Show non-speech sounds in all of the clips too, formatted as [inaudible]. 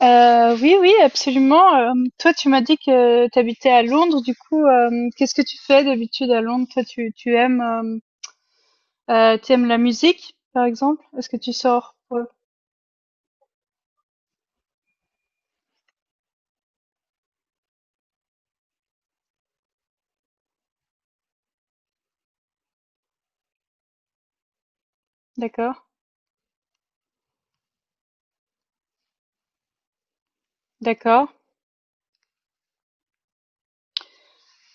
Oui, oui, absolument, toi, tu m'as dit que tu habitais à Londres, du coup, qu'est-ce que tu fais d'habitude à Londres? Toi, tu aimes, tu aimes la musique, par exemple? Est-ce que tu sors? Ouais, d'accord, d'accord.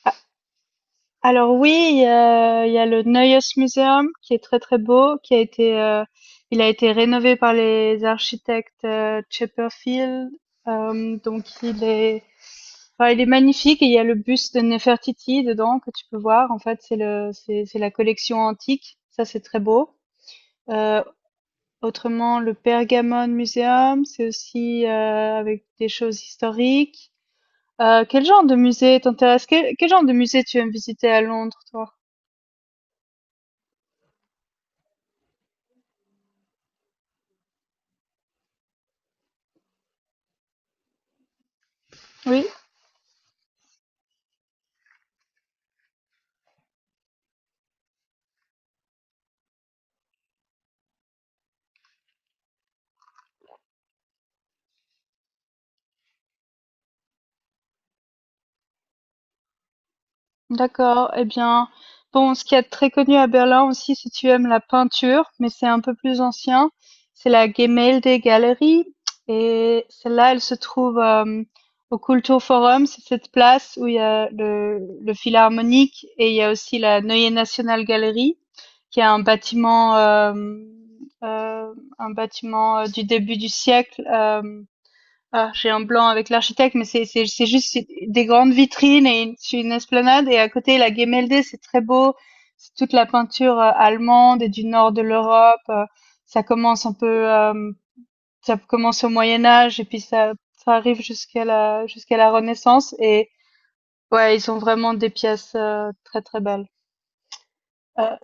A Alors oui, il y a le Neues Museum qui est très, très beau, qui a été, il a été rénové par les architectes, Chipperfield, hem, donc il est Enfin, il est magnifique et il y a le buste de Néfertiti dedans que tu peux voir. En fait, c'est la collection antique. Ça, c'est très beau. Euh, Autrement, le Pergamon Museum, c'est aussi avec des choses historiques. Quel genre de musée t'intéresse? Quel genre de musée tu aimes visiter à Londres, toi? Oui. D'accord, eh bien, bon, ce qui est très connu à Berlin aussi, si tu aimes la peinture, mais c'est un peu plus ancien, c'est la Gemälde-Galerie. Et celle-là, elle se trouve au Kulturforum, c'est cette place où il y a le Philharmonique et il y a aussi la Neue Nationalgalerie, qui est euh, un bâtiment du début du siècle. Ah, j'ai un blanc avec l'architecte, mais c'est juste c'est des grandes vitrines c'est une esplanade et à côté la Gemälde, c'est très beau. C'est toute la peinture allemande et du nord de l'Europe. Ça commence un peu, euh, ça commence au Moyen Âge et puis ça arrive jusqu'à la Renaissance et ouais, ils ont vraiment des pièces très très belles. Euh,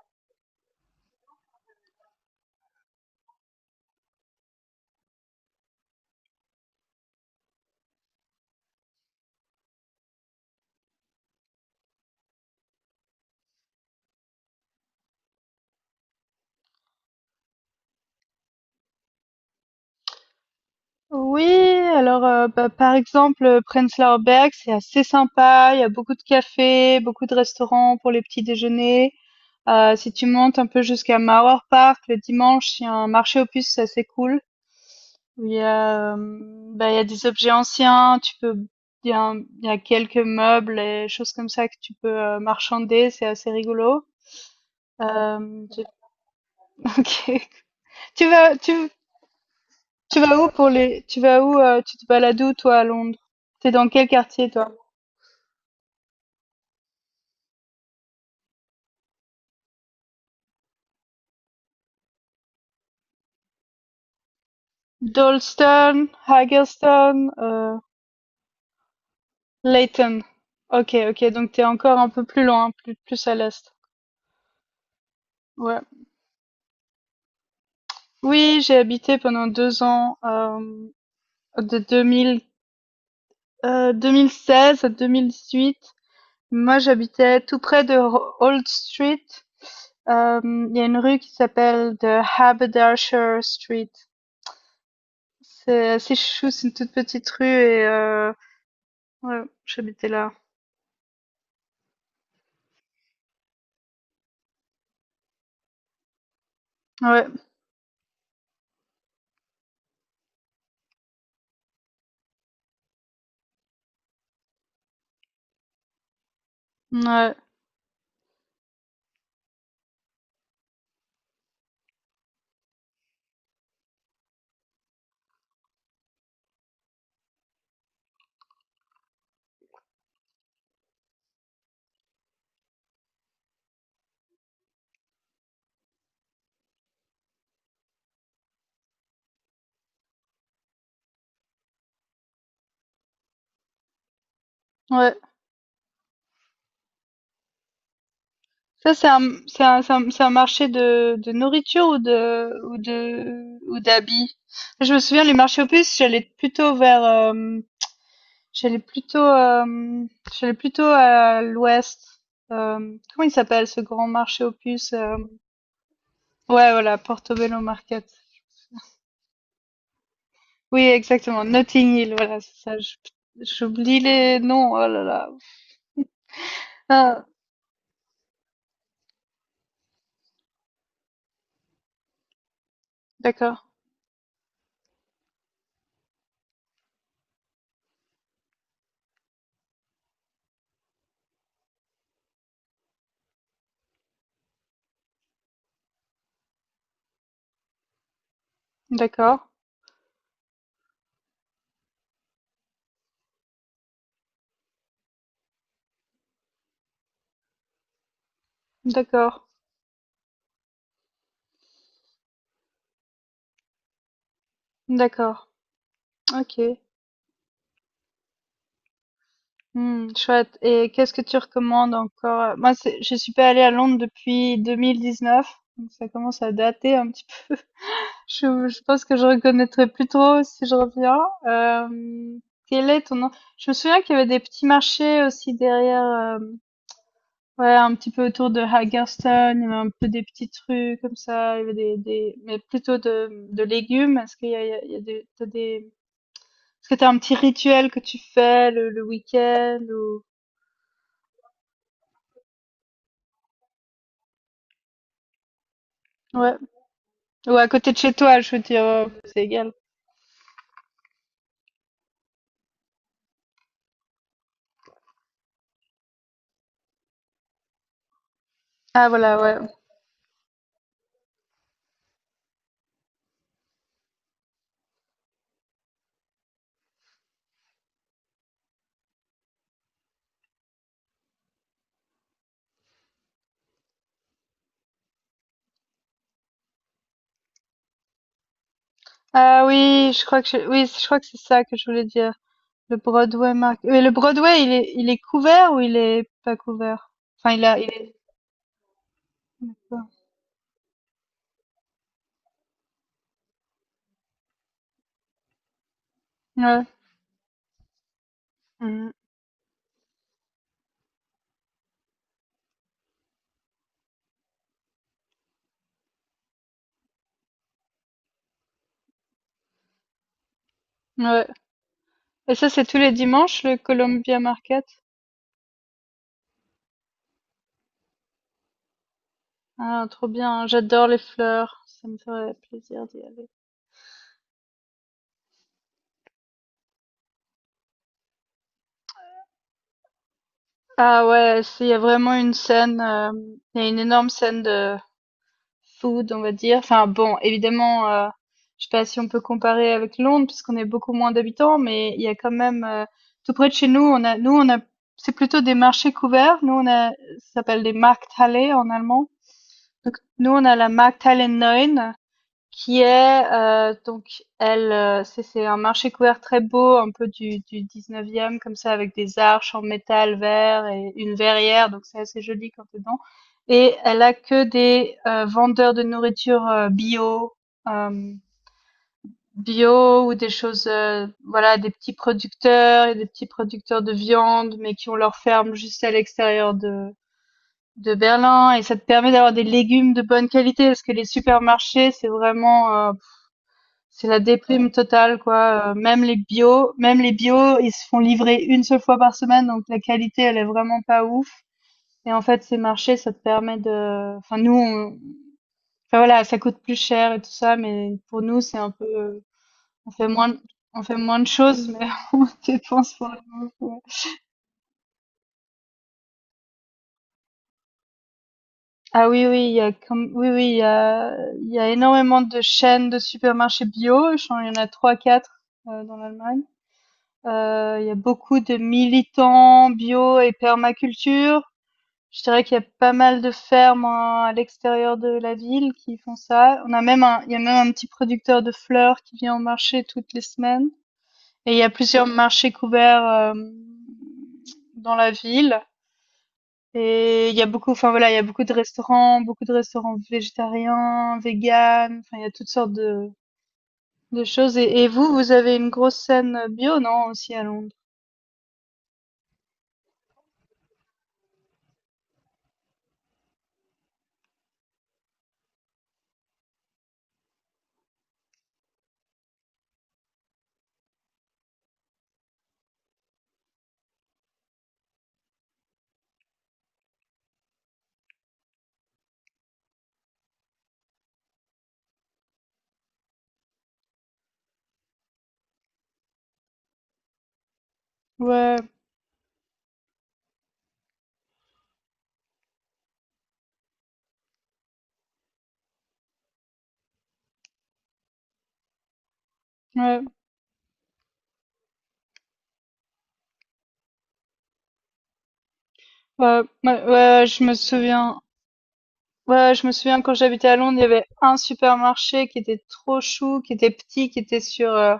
oui, alors bah, par exemple Prenzlauer Berg, c'est assez sympa. Il y a beaucoup de cafés, beaucoup de restaurants pour les petits déjeuners. Si tu montes un peu jusqu'à Mauer Park, le dimanche, il y a un marché aux puces assez cool où il y a, bah, il y a des objets anciens, tu peux. Il y a quelques meubles et choses comme ça que tu peux, marchander, c'est assez rigolo. Hem, j'ai [laughs] OK. Tu vas tu Tu vas où, tu te balades où toi à Londres? T'es dans quel quartier toi? Dalston, Haggerston, Leyton. OK, OK, donc t'es encore un peu plus loin, plus à l'est. Ouais. Oui, j'ai habité pendant 2 ans, de 2016 à 2018. Moi, j'habitais tout près de Ho Old Street. Il y a une rue qui s'appelle The Haberdasher Street. C'est assez chou, c'est une toute petite rue et ouais, j'habitais là. Ouais, ouais, ouais. Ça, c'est un marché de nourriture ou de ou de ou d'habits? Je me souviens, les marchés aux puces, j'allais plutôt vers, J'allais plutôt, hem, j'allais plutôt à l'ouest. Comment il s'appelle ce grand marché aux puces, hem? Ouais, voilà, Portobello Market. Oui, exactement, Notting Hill, voilà, c'est ça. J'oublie les noms, oh là là. Ah, d'accord, d'accord, d'accord, d'accord. OK. Mmh, chouette, et qu'est-ce que tu recommandes encore? Moi, c'est je suis pas allée à Londres depuis 2019, donc ça commence à dater un petit. Je pense que je reconnaîtrais plutôt si je reviens. Hem, quel est ton nom Je me souviens qu'il y avait des petits marchés aussi derrière, hem, ouais, un petit peu autour de Hagerstown, il y avait un peu des petites rues comme ça, il y avait des mais plutôt de légumes. Est-ce qu'il y a il y a il y a des t'as des Est-ce que t'as un petit rituel que tu fais le week-end ou ouais, ou à côté de chez toi, je veux dire, c'est égal. Ah voilà, ouais. Ah oui, je crois que je oui, je crois que c'est ça que je voulais dire. Le Broadway marque, mais le Broadway, il est couvert ou il est pas couvert? Enfin, il a il est Ouais. Mmh. Ouais. Et ça, c'est tous les dimanches, le Columbia Market? Ah, trop bien. J'adore les fleurs. Ça me ferait plaisir d'y aller. Ah ouais, s'il y a vraiment une scène, il y a une énorme scène de food, on va dire. Enfin bon, évidemment, je sais pas si on peut comparer avec Londres puisqu'on est beaucoup moins d'habitants, mais il y a quand même, tout près de chez nous, on a c'est plutôt des marchés couverts. Nous on a ça s'appelle des Markthalle en allemand. Donc nous on a la Markthalle 9 qui est elle c'est un marché couvert très beau un peu du 19e comme ça avec des arches en métal vert et une verrière, donc c'est assez joli quand t'es dedans, et elle a que des vendeurs de nourriture bio euh, bio, ou des choses voilà des petits producteurs et des petits producteurs de viande, mais qui ont leur ferme juste à l'extérieur de Berlin, et ça te permet d'avoir des légumes de bonne qualité parce que les supermarchés c'est vraiment c'est la déprime totale quoi, même les bio, même les bio, ils se font livrer une seule fois par semaine, donc la qualité, elle est vraiment pas ouf, et en fait, ces marchés, ça te permet de enfin nous, on enfin voilà, ça coûte plus cher et tout ça, mais pour nous, c'est un peu, on fait moins d on fait moins de choses, mais [laughs] on dépense pour le ouais. Ah oui, oui, il y a comme oui, oui, il y a énormément de chaînes de supermarchés bio, je crois il y en a trois quatre dans l'Allemagne. Il y a beaucoup de militants bio et permaculture. Je dirais qu'il y a pas mal de fermes, hein, à l'extérieur de la ville qui font ça. On a même un Il y a même un petit producteur de fleurs qui vient au marché toutes les semaines et il y a plusieurs marchés couverts, hem, dans la ville, et il y a beaucoup enfin, voilà, il y a beaucoup de restaurants végétariens, véganes, enfin, il y a toutes sortes de choses. Et vous, vous avez une grosse scène, bio, non, aussi à Londres? Ouais, ouais. Ouais, ouais, ouais, je me souviens. Ouais, je me souviens quand j'habitais à Londres, il y avait un supermarché qui était trop chou, qui était petit, qui était sur,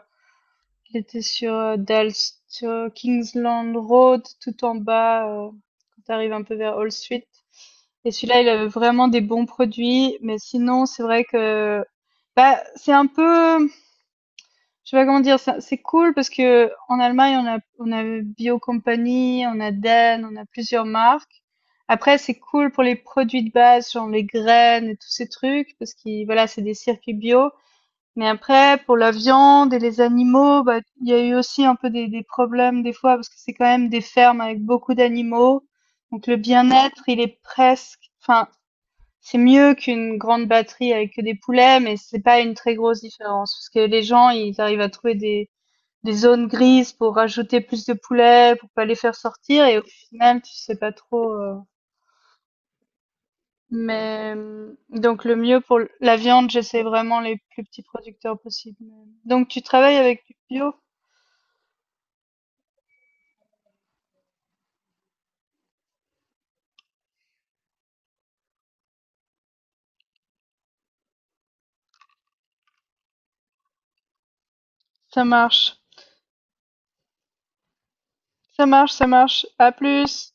qui était sur euh, Dal- sur Kingsland Road, tout en bas, quand t'arrives un peu vers Hall Street. Et celui-là, il avait vraiment des bons produits, mais sinon, c'est vrai que, bah, c'est un peu, je sais pas comment dire, ça c'est cool parce que en Allemagne, on a Biocompagnie, on a DEN, on a plusieurs marques. Après, c'est cool pour les produits de base, genre les graines et tous ces trucs, parce que voilà, c'est des circuits bio. Mais après, pour la viande et les animaux, bah, il y a eu aussi un peu des problèmes des fois, parce que c'est quand même des fermes avec beaucoup d'animaux. Donc le bien-être, il est presque, enfin, c'est mieux qu'une grande batterie avec que des poulets, mais c'est pas une très grosse différence, parce que les gens, ils arrivent à trouver des zones grises pour rajouter plus de poulets, pour pas les faire sortir. Et au final, tu sais pas trop. Mais donc le mieux pour la viande, j'essaie vraiment les plus petits producteurs possibles. Donc tu travailles avec du bio? Ça marche. Ça marche, ça marche. À plus.